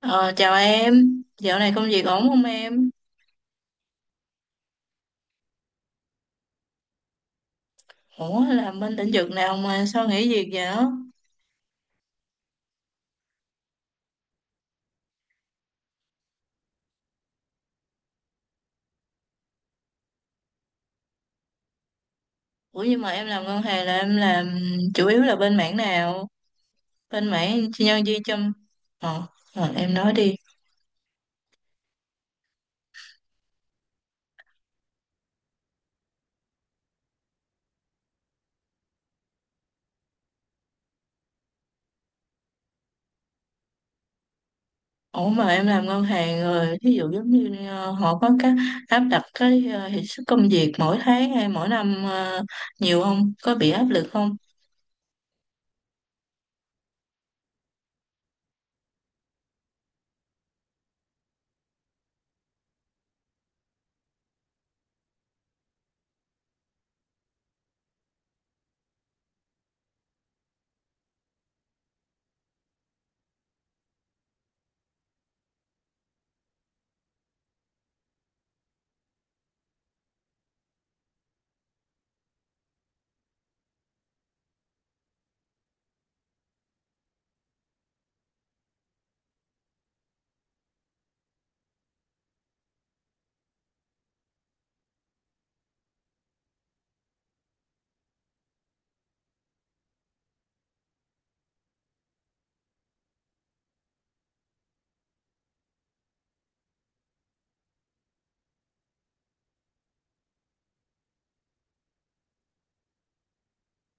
Ờ, Chào em, dạo này công việc ổn không em? Ủa, làm bên lĩnh vực nào mà sao nghỉ việc vậy? Ủa, nhưng mà em làm ngân hàng là em làm chủ yếu là bên mảng nào? Bên mảng nhân viên chăm... Ờ, em nói đi. Ủa, mà em làm ngân hàng rồi, ví dụ giống như họ có cái áp đặt cái hiệu suất công việc mỗi tháng hay mỗi năm, nhiều không? Có bị áp lực không?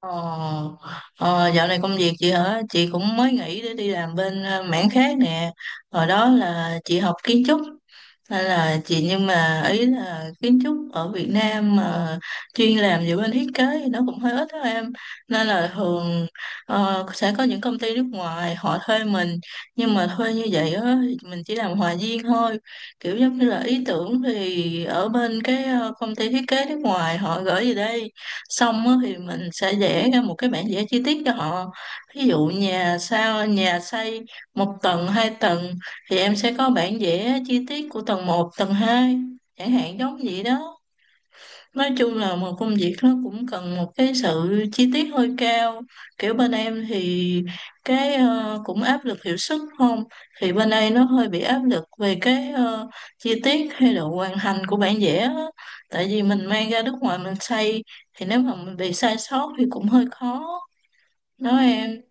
Ờ, ờ, Dạo này công việc chị hả? Chị cũng mới nghỉ để đi làm bên mảng khác nè. Hồi đó là chị học kiến trúc, nên là chị, nhưng mà ý là kiến trúc ở Việt Nam mà chuyên làm về bên thiết kế thì nó cũng hơi ít đó em. Nên là thường sẽ có những công ty nước ngoài họ thuê mình, nhưng mà thuê như vậy á thì mình chỉ làm hòa viên thôi. Kiểu giống như là ý tưởng thì ở bên cái công ty thiết kế nước ngoài họ gửi về đây, xong á thì mình sẽ vẽ ra một cái bản vẽ chi tiết cho họ. Ví dụ nhà sao, nhà xây một tầng hai tầng thì em sẽ có bản vẽ chi tiết của tầng một tầng hai, chẳng hạn giống vậy đó. Nói chung là một công việc nó cũng cần một cái sự chi tiết hơi cao. Kiểu bên em thì cái cũng áp lực hiệu suất không? Thì bên đây nó hơi bị áp lực về cái chi tiết hay độ hoàn thành của bản vẽ á. Tại vì mình mang ra nước ngoài mình xây, thì nếu mà mình bị sai sót thì cũng hơi khó. Đó em.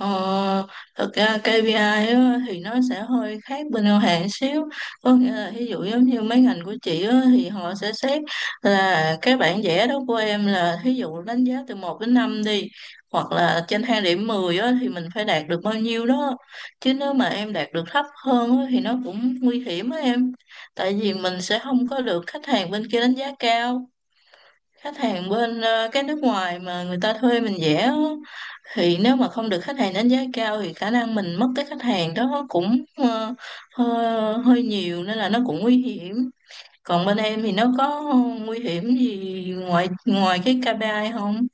Ờ, Thực ra KPI á, thì nó sẽ hơi khác bên ngân hàng xíu, có nghĩa là ví dụ giống như mấy ngành của chị á, thì họ sẽ xét là cái bảng vẽ đó của em là ví dụ đánh giá từ một đến 5 đi, hoặc là trên thang điểm 10 á, thì mình phải đạt được bao nhiêu đó. Chứ nếu mà em đạt được thấp hơn á, thì nó cũng nguy hiểm á em, tại vì mình sẽ không có được khách hàng bên kia đánh giá cao. Khách hàng bên cái nước ngoài mà người ta thuê mình vẽ á, thì nếu mà không được khách hàng đánh giá cao thì khả năng mình mất cái khách hàng đó cũng hơi, hơi nhiều, nên là nó cũng nguy hiểm. Còn bên em thì nó có nguy hiểm gì ngoài ngoài cái KPI không?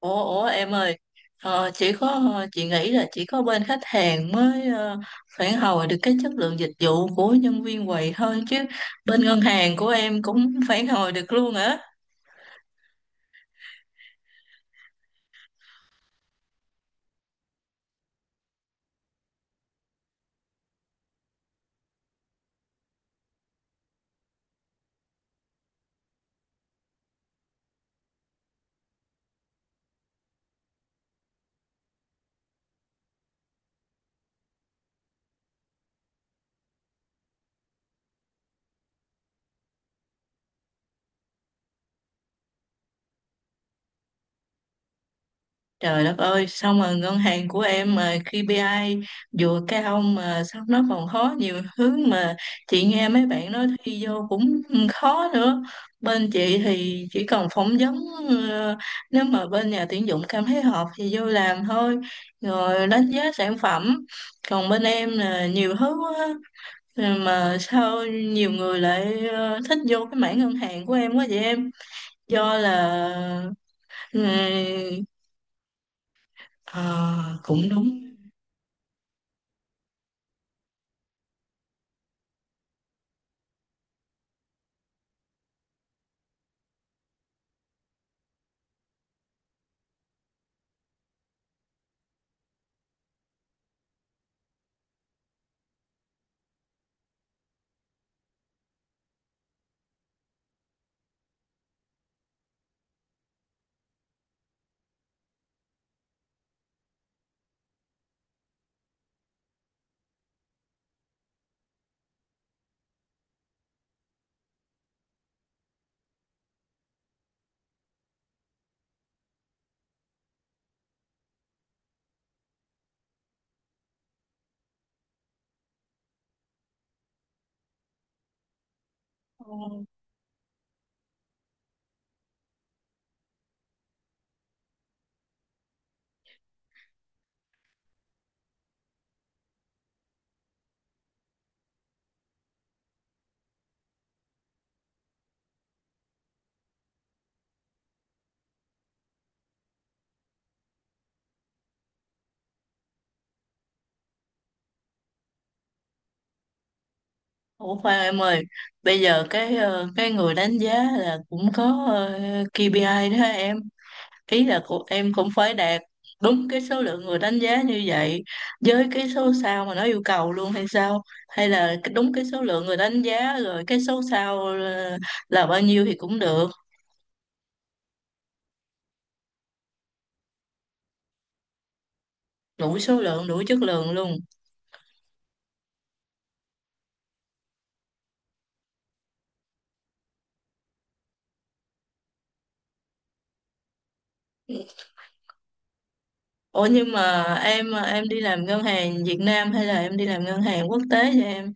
Ủa, em ơi, chỉ có, chị nghĩ là chỉ có bên khách hàng mới phản hồi được cái chất lượng dịch vụ của nhân viên quầy thôi chứ, bên ngân hàng của em cũng phản hồi được luôn hả? Trời đất ơi, sao mà ngân hàng của em mà KPI vừa cao mà sao nó còn khó nhiều thứ, mà chị nghe mấy bạn nói thi vô cũng khó nữa. Bên chị thì chỉ cần phỏng vấn, ờ, nếu mà bên nhà tuyển dụng cảm thấy hợp thì vô làm thôi, rồi đánh giá sản phẩm. Còn bên em là nhiều thứ quá. Mà sao nhiều người lại thích vô cái mảng ngân hàng của em quá vậy em? Do là ừ, ờ, cũng đúng. Ủa khoan em ơi, bây giờ cái cái người đánh giá là cũng có KPI đó em. Ý là của em cũng phải đạt đúng cái số lượng người đánh giá như vậy với cái số sao mà nó yêu cầu luôn hay sao? Hay là cái- đúng cái số lượng người đánh giá rồi cái số sao là bao nhiêu thì cũng được, đủ số lượng, đủ chất lượng luôn. Ủa nhưng mà em, đi làm ngân hàng Việt Nam hay là em đi làm ngân hàng quốc tế vậy em?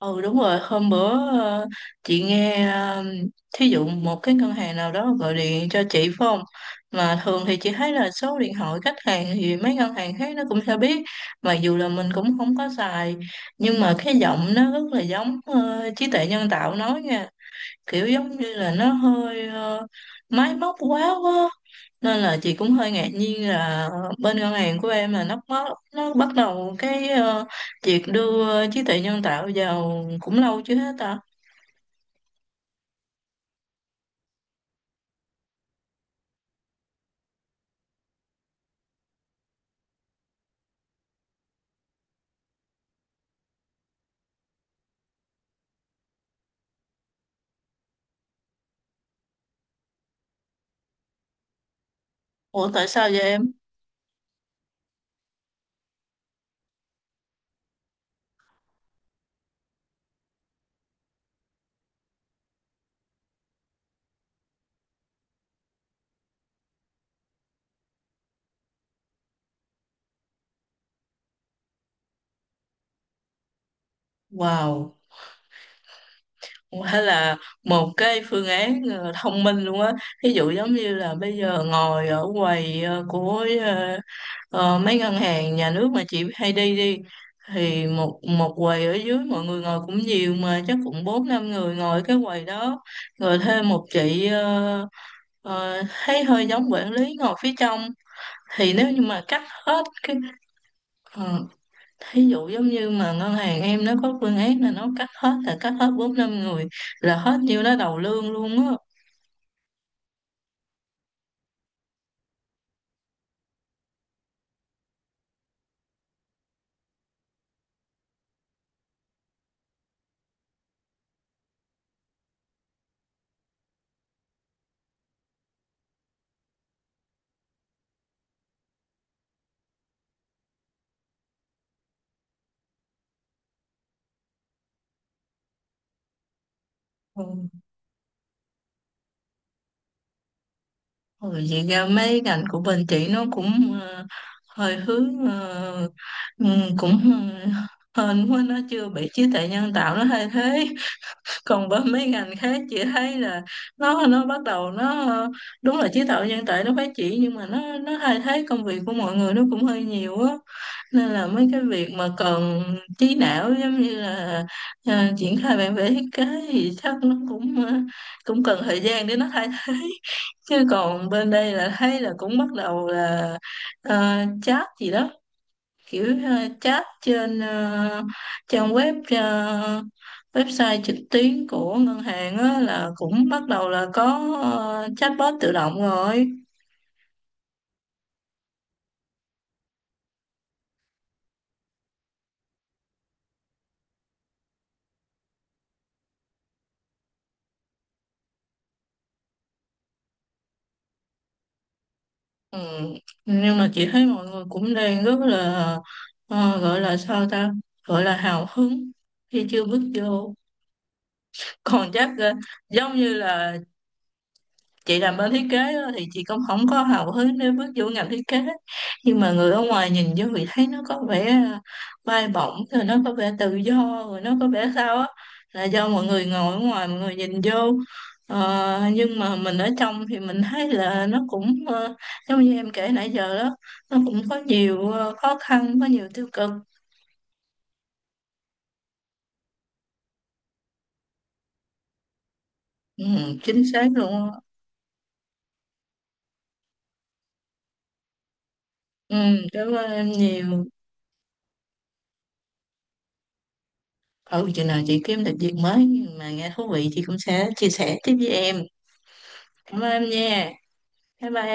Ừ đúng rồi, hôm bữa ờ, chị nghe, thí dụ một cái ngân hàng nào đó gọi điện cho chị phải không? Mà thường thì chị thấy là số điện thoại khách hàng thì mấy ngân hàng khác nó cũng sẽ biết, mặc dù là mình cũng không có xài, nhưng mà cái giọng nó rất là giống trí tuệ nhân tạo nói nha, kiểu giống như là nó hơi máy móc quá quá, nên là chị cũng hơi ngạc nhiên là bên ngân hàng của em là nó bắt đầu cái việc đưa trí tuệ nhân tạo vào cũng lâu chưa hết ta. Ủa tại sao vậy em? Wow, hay là một cái phương án thông minh luôn á. Ví dụ giống như là bây giờ ngồi ở quầy của mấy ngân hàng nhà nước mà chị hay đi đi, thì một một quầy ở dưới mọi người ngồi cũng nhiều, mà chắc cũng bốn năm người ngồi cái quầy đó, rồi thêm một chị thấy hơi giống quản lý ngồi phía trong. Thì nếu như mà cắt hết cái ờ, ví dụ giống như mà ngân hàng em nó có phương án là nó cắt hết, là cắt hết bốn năm người, là hết nhiêu đó đầu lương luôn á. Ừ. Rồi vậy ra mấy ngành của bên chị nó cũng hơi hướng ừ, cũng hên quá nó chưa bị trí tuệ nhân tạo nó thay thế. Còn bên mấy ngành khác chị thấy là nó bắt đầu nó, đúng là trí tuệ nhân tạo nó phát triển, nhưng mà nó thay thế công việc của mọi người nó cũng hơi nhiều á. Nên là mấy cái việc mà cần trí não giống như là ờ, triển khai bản vẽ thiết kế thì chắc nó cũng cũng cần thời gian để nó thay thế. Chứ còn bên đây là thấy là cũng bắt đầu là chat gì đó, kiểu chat trên trang web, website trực tuyến của ngân hàng á, là cũng bắt đầu là có chatbot tự động rồi. Ừ. Nhưng mà chị thấy mọi người cũng đang rất là gọi là sao ta, gọi là hào hứng khi chưa bước vô. Còn chắc giống như là chị làm bên thiết kế á, thì chị cũng không có hào hứng để bước vô ngành thiết kế, nhưng mà người ở ngoài nhìn vô thì thấy nó có vẻ à, bay bổng, rồi nó có vẻ tự do, rồi nó có vẻ sao á, là do mọi người ngồi ở ngoài mọi người nhìn vô. Ờ, nhưng mà mình ở trong thì mình thấy là nó cũng giống như em kể nãy giờ đó, nó cũng có nhiều khó khăn, có nhiều tiêu cực. Ừ, chính xác luôn á. Ừ, cảm ơn em nhiều. Ừ, chừng nào chị kiếm được việc mới mà nghe thú vị chị cũng sẽ chia sẻ tiếp với em. Cảm ơn em nha. Bye bye em.